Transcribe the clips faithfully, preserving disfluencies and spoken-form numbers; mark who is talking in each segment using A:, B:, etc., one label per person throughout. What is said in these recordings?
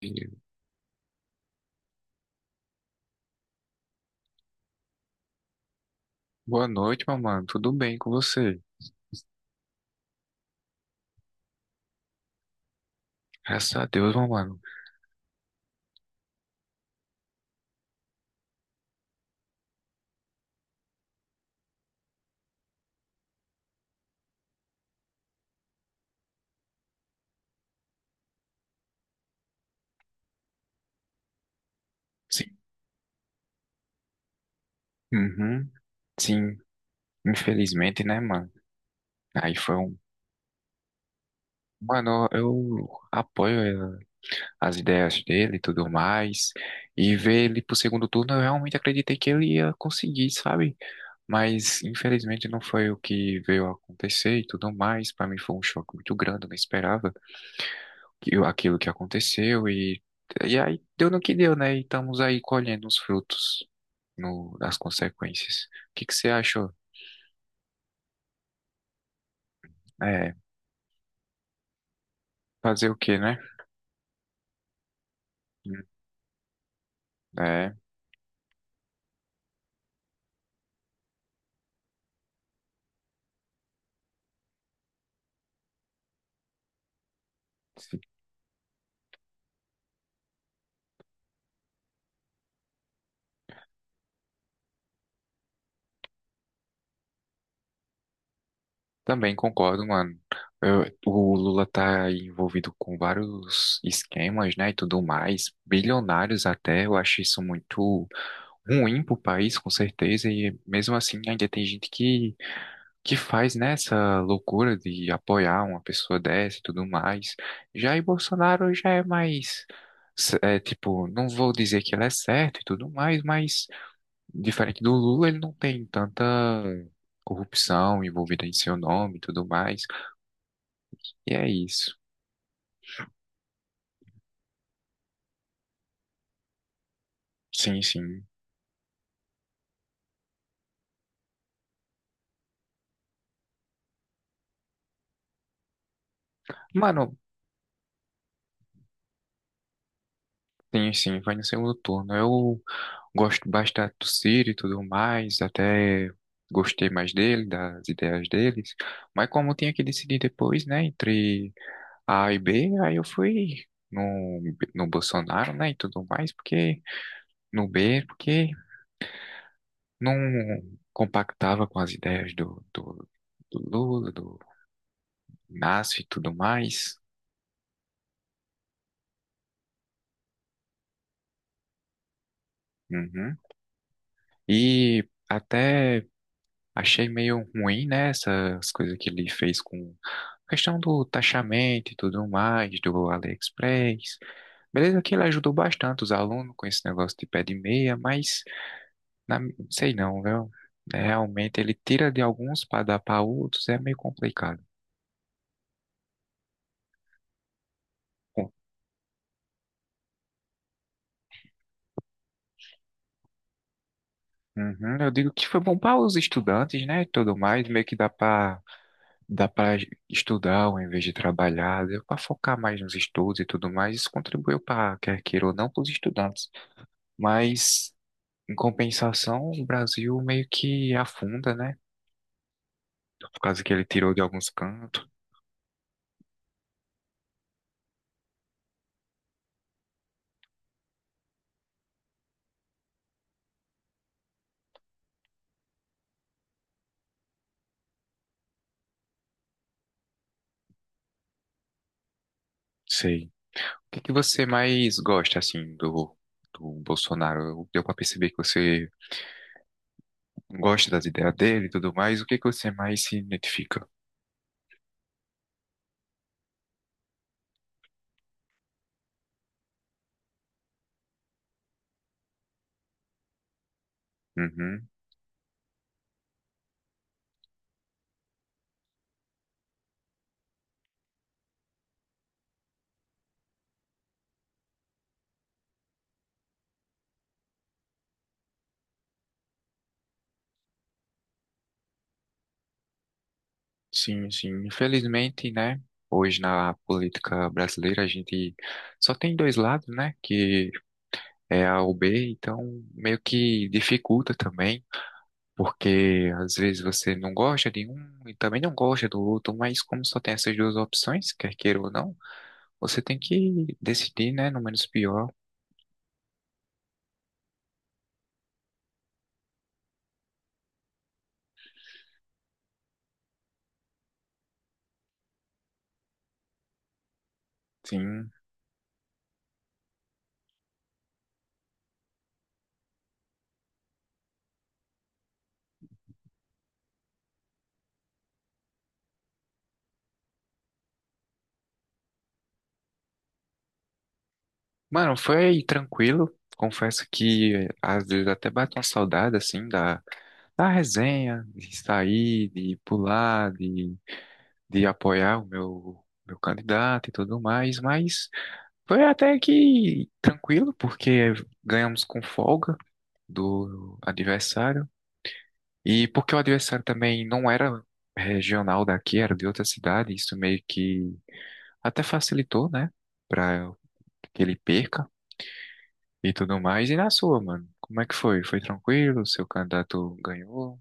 A: E boa noite, meu mano. Tudo bem com você? Graças a Deus, meu mano. Sim. Uhum. Sim. Infelizmente, né, mano? Aí foi um. Mano, eu apoio eh, as ideias dele e tudo mais. E ver ele pro segundo turno, eu realmente acreditei que ele ia conseguir, sabe? Mas infelizmente não foi o que veio a acontecer e tudo mais. Pra mim foi um choque muito grande, eu não esperava que- aquilo que aconteceu. E, e aí deu no que deu, né? E estamos aí colhendo os frutos. No, das consequências. O que que você achou? É, fazer o quê, né? É, sim, também concordo, mano. Eu- o Lula tá aí envolvido com vários esquemas, né, e tudo mais, bilionários até. Eu acho isso muito ruim pro país, com certeza. E mesmo assim, ainda tem gente que, que faz, né, essa loucura de apoiar uma pessoa dessa e tudo mais. Jair Bolsonaro já é mais, s- é, tipo, não vou dizer que ele é certo e tudo mais, mas diferente do Lula, ele não tem tanta corrupção envolvida em seu nome e tudo mais. E é isso. Sim, sim. Mano, tem sim, vai no segundo turno. Eu gosto bastante do Ciro e tudo mais, até gostei mais dele, das ideias deles. Mas como eu tinha que decidir depois, né, entre A e B, aí eu fui no, no Bolsonaro, né, e tudo mais, porque no B, porque não compactava com as ideias do, do do Lula, do nasce e tudo mais. Uhum. E até achei meio ruim, né, essas coisas que ele fez com a questão do taxamento e tudo mais, do AliExpress. Beleza que ele ajudou bastante os alunos com esse negócio de pé de meia, mas na, sei não, viu? É, realmente ele tira de alguns para dar para outros, é meio complicado. Bom, uhum, eu digo que foi bom para os estudantes, né, e tudo mais, meio que dá para dá para estudar ao invés de trabalhar, deu para focar mais nos estudos e tudo mais. Isso contribuiu para, quer queira ou não, para os estudantes. Mas, em compensação, o Brasil meio que afunda, né? Por causa que ele tirou de alguns cantos. Sei. O que que você mais gosta, assim, do, do Bolsonaro? Deu para perceber que você gosta das ideias dele e tudo mais. O que que você mais se identifica? Uhum. Sim, sim. Infelizmente, né? Hoje na política brasileira a gente só tem dois lados, né? Que é A ou B, então meio que dificulta também, porque às vezes você não gosta de um e também não gosta do outro, mas como só tem essas duas opções, quer queira ou não, você tem que decidir, né? No menos pior. Sim. Mano, foi tranquilo. Confesso que eh, às vezes até bate uma saudade, assim, da da resenha, de sair, de pular, de, de apoiar o meu, meu candidato e tudo mais, mas foi até que tranquilo, porque ganhamos com folga do adversário, e porque o adversário também não era regional daqui, era de outra cidade, isso meio que até facilitou, né, para que ele perca e tudo mais. E na sua, mano, como é que foi? Foi tranquilo? Seu candidato ganhou?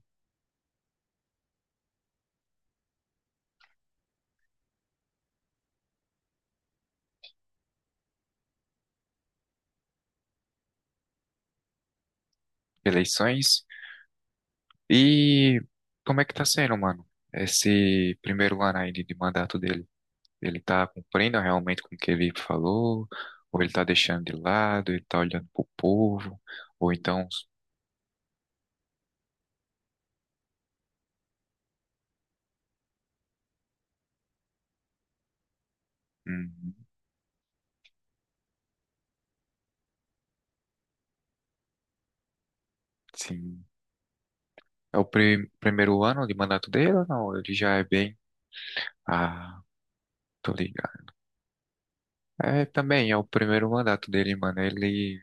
A: Eleições? E como é que tá sendo, mano? Esse primeiro ano aí de de mandato dele, ele tá cumprindo realmente com o que ele falou? Ou ele tá deixando de lado, ele tá olhando pro povo? Ou então, hum, sim, é o pri- primeiro ano de mandato dele ou não? Ele já é bem... Ah, tô ligado. É, também é o primeiro mandato dele, mano. Ele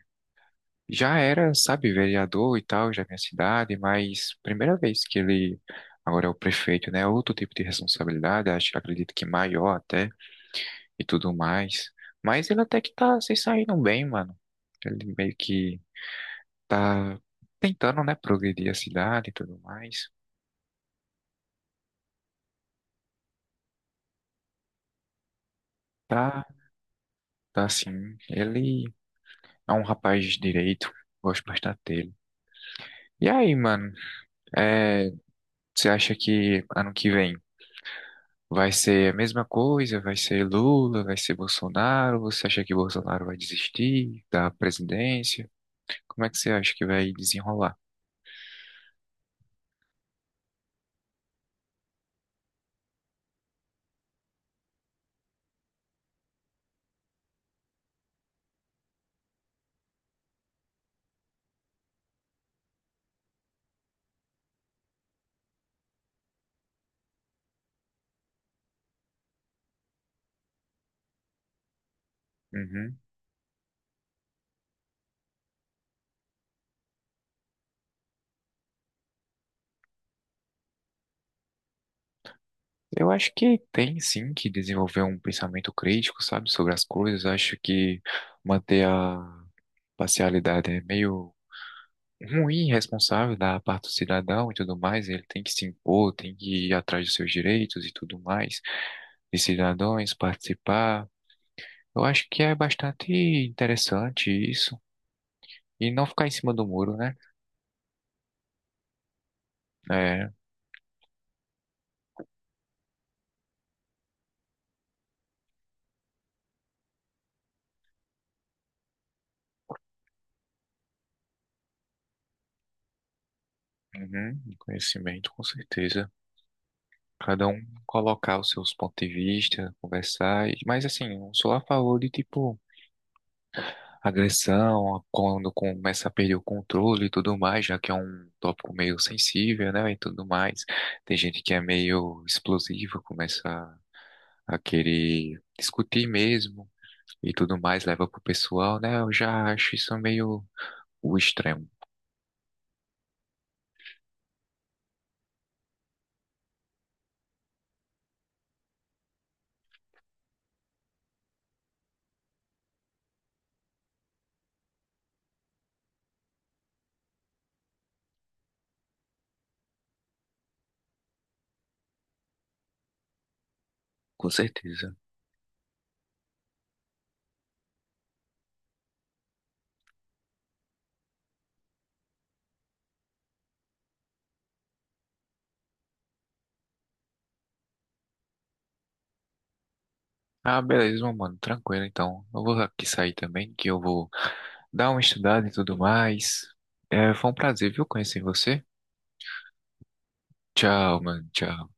A: já era, sabe, vereador e tal, já é minha cidade, mas primeira vez que ele agora é o prefeito, né? É outro tipo de responsabilidade, acho, acredito que maior até e tudo mais. Mas ele até que tá se saindo bem, mano. Ele meio que tá tentando, né, progredir a cidade e tudo mais. Tá, tá assim. Ele é um rapaz de direito, gosto bastante dele. E aí, mano, é, você acha que ano que vem? Vai ser a mesma coisa? Vai ser Lula? Vai ser Bolsonaro? Você acha que Bolsonaro vai desistir da presidência? Como é que você acha que vai desenrolar? Uhum. Eu acho que tem sim que desenvolver um pensamento crítico, sabe, sobre as coisas. Acho que manter a parcialidade é meio ruim, irresponsável da parte do cidadão e tudo mais. Ele tem que se impor, tem que ir atrás dos seus direitos e tudo mais, de cidadãos participar. Eu acho que é bastante interessante isso. E não ficar em cima do muro, né? É, uhum, conhecimento, com certeza. Cada um colocar os seus pontos de vista, conversar. e- Mas assim, eu sou a favor de, tipo, agressão, quando começa a perder o controle e tudo mais, já que é um tópico meio sensível, né? E tudo mais. Tem gente que é meio explosiva, começa a a querer discutir mesmo e tudo mais, leva pro pessoal, né? Eu já acho isso meio o extremo, com certeza. Ah, beleza, meu mano. Tranquilo, então. Eu vou aqui sair também, que eu vou dar uma estudada e tudo mais. É, foi um prazer, viu, conhecer você. Tchau, mano. Tchau.